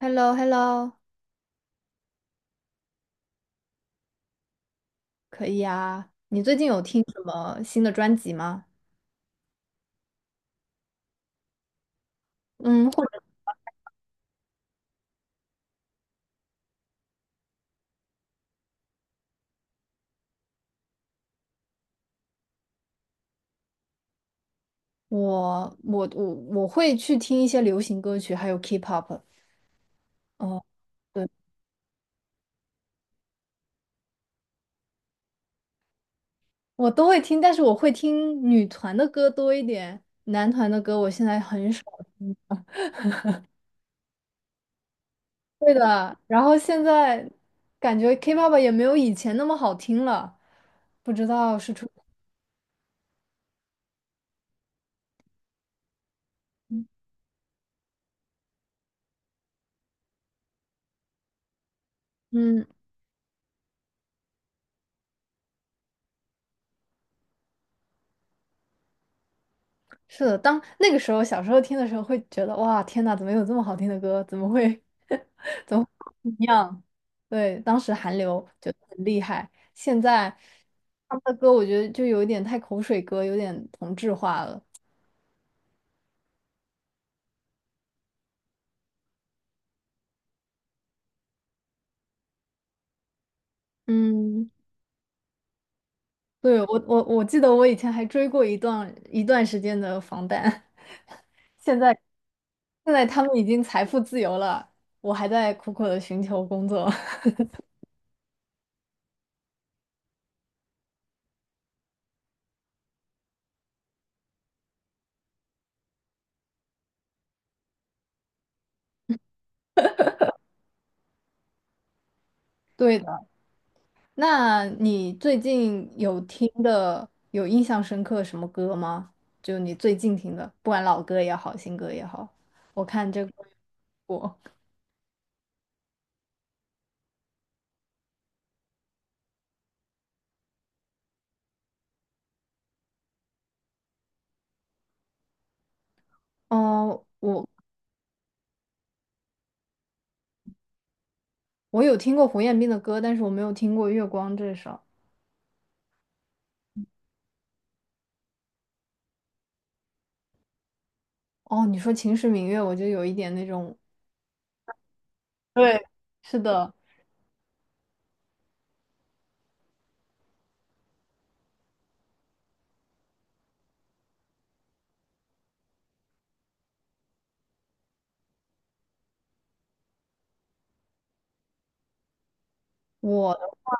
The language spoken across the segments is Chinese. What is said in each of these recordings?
h e l l o h e l l o 可以啊。你最近有听什么新的专辑吗？嗯，或者我会去听一些流行歌曲，还有 K-pop。哦，对，我都会听，但是我会听女团的歌多一点，男团的歌我现在很少听。对的，然后现在感觉 K-pop 也没有以前那么好听了，不知道是出。嗯，是的，当那个时候小时候听的时候，会觉得哇，天呐，怎么有这么好听的歌？怎么会？一样，对，当时韩流就很厉害，现在他们的歌我觉得就有一点太口水歌，有点同质化了。嗯，对，我记得我以前还追过一段时间的防弹，现在现在他们已经财富自由了，我还在苦苦的寻求工作。对的。那你最近有听的、有印象深刻什么歌吗？就你最近听的，不管老歌也好，新歌也好，我看这个我，嗯，我我有听过胡彦斌的歌，但是我没有听过《月光》这首。哦，你说《秦时明月》，我就有一点那种，对，是的，我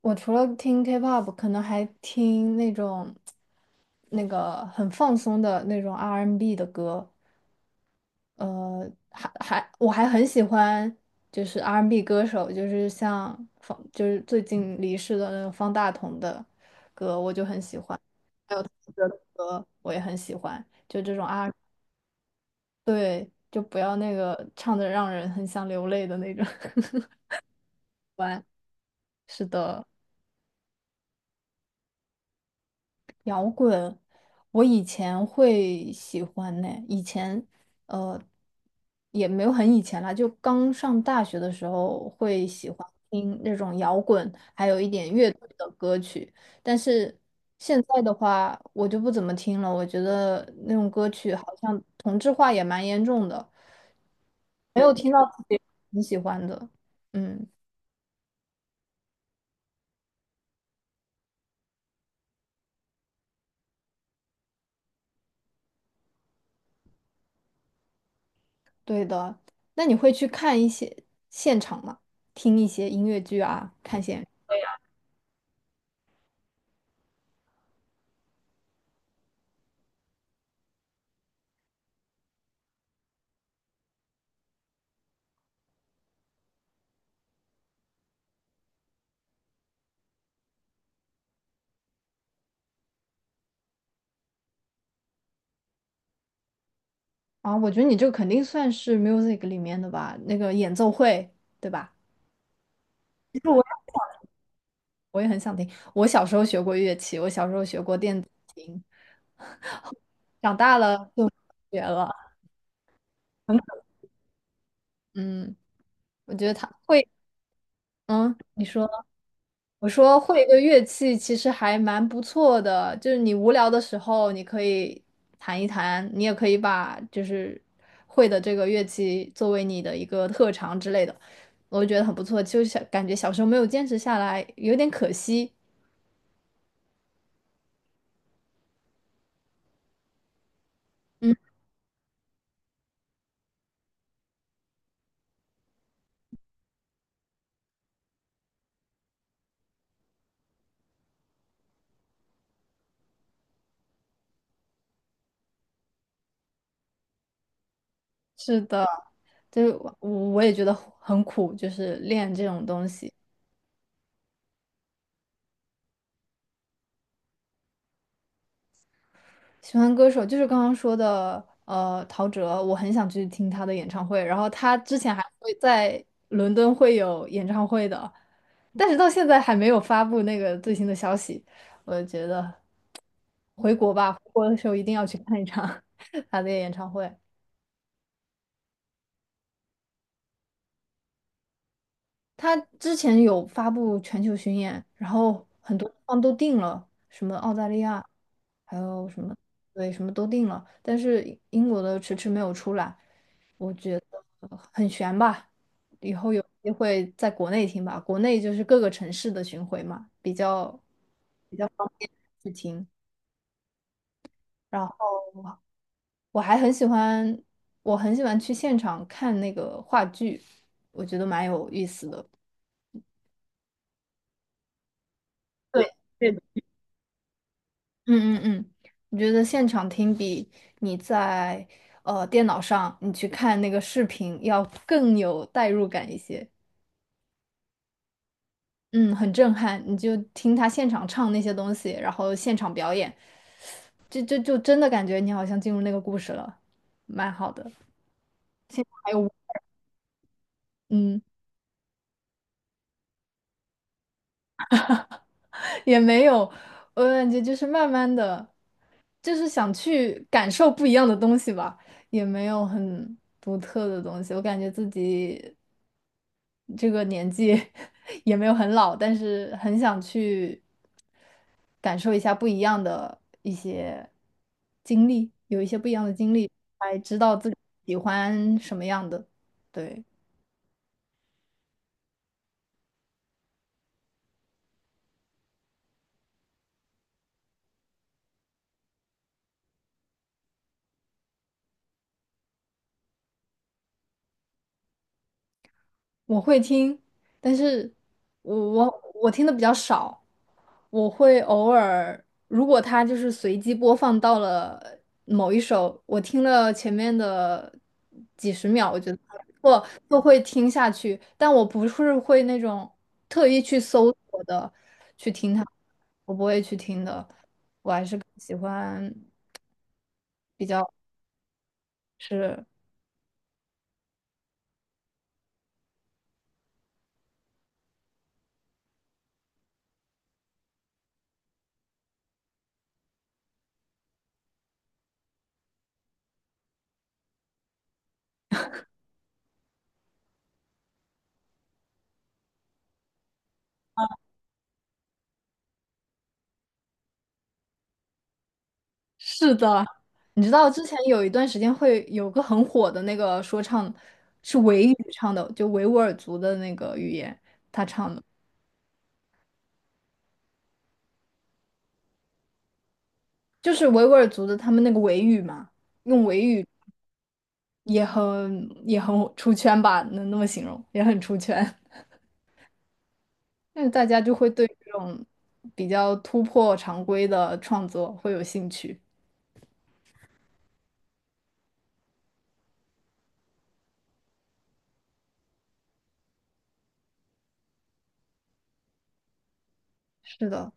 我除了听 K-pop，可能还听那种那个很放松的那种 R&B n 的歌。还我还很喜欢就是 R&B 歌手，就是像方就是最近离世的那个方大同的歌，我就很喜欢，还有陶喆的歌我也很喜欢，就这种 R，对，就不要那个唱的让人很想流泪的那种。完，是的。摇滚，我以前会喜欢呢。以前，呃，也没有很以前了，就刚上大学的时候会喜欢听那种摇滚，还有一点乐队的歌曲。但是现在的话，我就不怎么听了。我觉得那种歌曲好像同质化也蛮严重的，没有听到自己很喜欢的。嗯，对的。那你会去看一些现场吗？听一些音乐剧啊，看些。啊，我觉得你这个肯定算是 music 里面的吧，那个演奏会，对吧？其实我也很想听，我小时候学过乐器，我小时候学过电子琴，长大了就不学了。嗯，我觉得他会，你说，我说会一个乐器其实还蛮不错的，就是你无聊的时候你可以弹一弹，你也可以把就是会的这个乐器作为你的一个特长之类的。我就觉得很不错，就是感觉小时候没有坚持下来，有点可惜。嗯，是的，就是我也觉得很苦，就是练这种东西。喜欢歌手就是刚刚说的，陶喆，我很想去听他的演唱会。然后他之前还会在伦敦会有演唱会的，但是到现在还没有发布那个最新的消息。我觉得回国吧，回国的时候一定要去看一场 他的演唱会。他之前有发布全球巡演，然后很多地方都定了，什么澳大利亚，还有什么，对，什么都定了，但是英国的迟迟没有出来，我觉得很悬吧。以后有机会在国内听吧，国内就是各个城市的巡回嘛，比较方便去听。然后我还很喜欢，我很喜欢去现场看那个话剧，我觉得蛮有意思的。对。对。嗯嗯嗯，我觉得现场听比你在电脑上你去看那个视频要更有代入感一些？嗯，很震撼。你就听他现场唱那些东西，然后现场表演，就真的感觉你好像进入那个故事了，蛮好的。现在还有，嗯，也没有，我感觉就是慢慢的，就是想去感受不一样的东西吧，也没有很独特的东西。我感觉自己。这个年纪 也没有很老，但是很想去感受一下不一样的一些经历，有一些不一样的经历，才知道自己喜欢什么样的。对。我会听，但是我听的比较少，我会偶尔，如果它就是随机播放到了某一首，我听了前面的几十秒，我觉得还不错，就会听下去，但我不是会那种特意去搜索的去听它，我不会去听的，喜欢比较是。是的，你知道之前有一段时间会有个很火的那个说唱，是维语唱的，就维吾尔族的那个语言，他唱的，就是维吾尔族的他们那个维语嘛，用维语也很出圈吧，能那么形容，也很出圈。那大家就会对这种比较突破常规的创作会有兴趣。是的，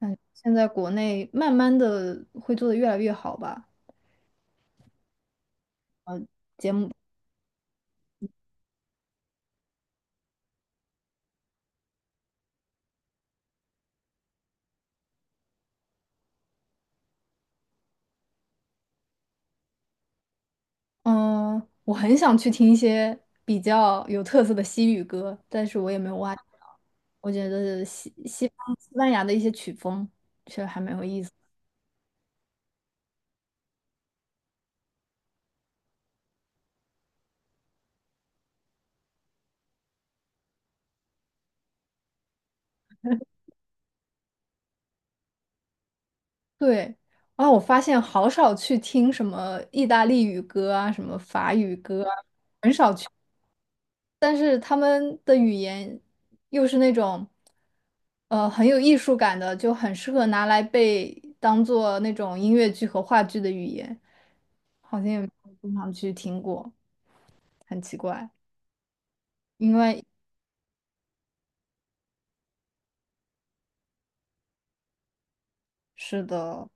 现在国内慢慢的会做的越来越好吧，节目嗯，我很想去听一些比较有特色的西语歌，但是我也没有挖掘到。我觉得西方西班牙的一些曲风确实还蛮有意思。对，啊，我发现好少去听什么意大利语歌啊，什么法语歌啊但是他们的语言又是那种，很有艺术感的，就很适合拿来被当做那种音乐剧和话剧的语言，好像也没有经常去听过，很奇怪。因为是的，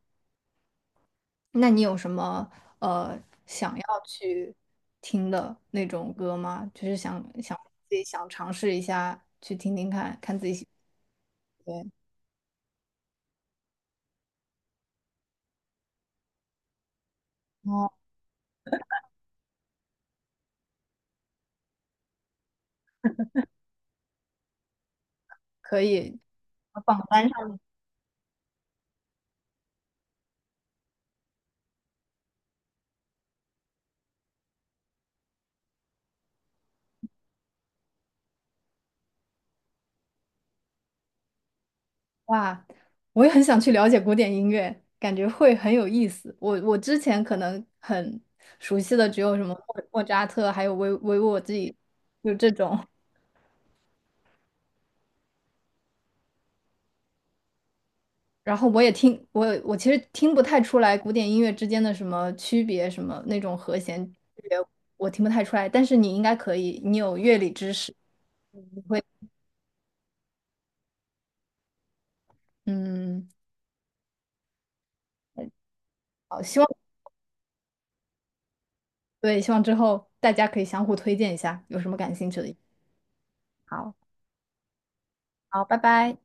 那你有什么呃想要去听的那种歌吗？就是想想自己想尝试一下去听听看，看自己喜不喜欢。哦，可以。榜单上的话，我也很想去了解古典音乐，感觉会很有意思。我之前可能很熟悉的只有什么莫扎特，还有维沃自己，就这种。然后我也听我其实听不太出来古典音乐之间的什么区别，什么那种和弦区别，我听不太出来。但是你应该可以，你有乐理知识，会嗯，好，希望对，希望之后大家可以相互推荐一下，有什么感兴趣的。好，好，拜拜。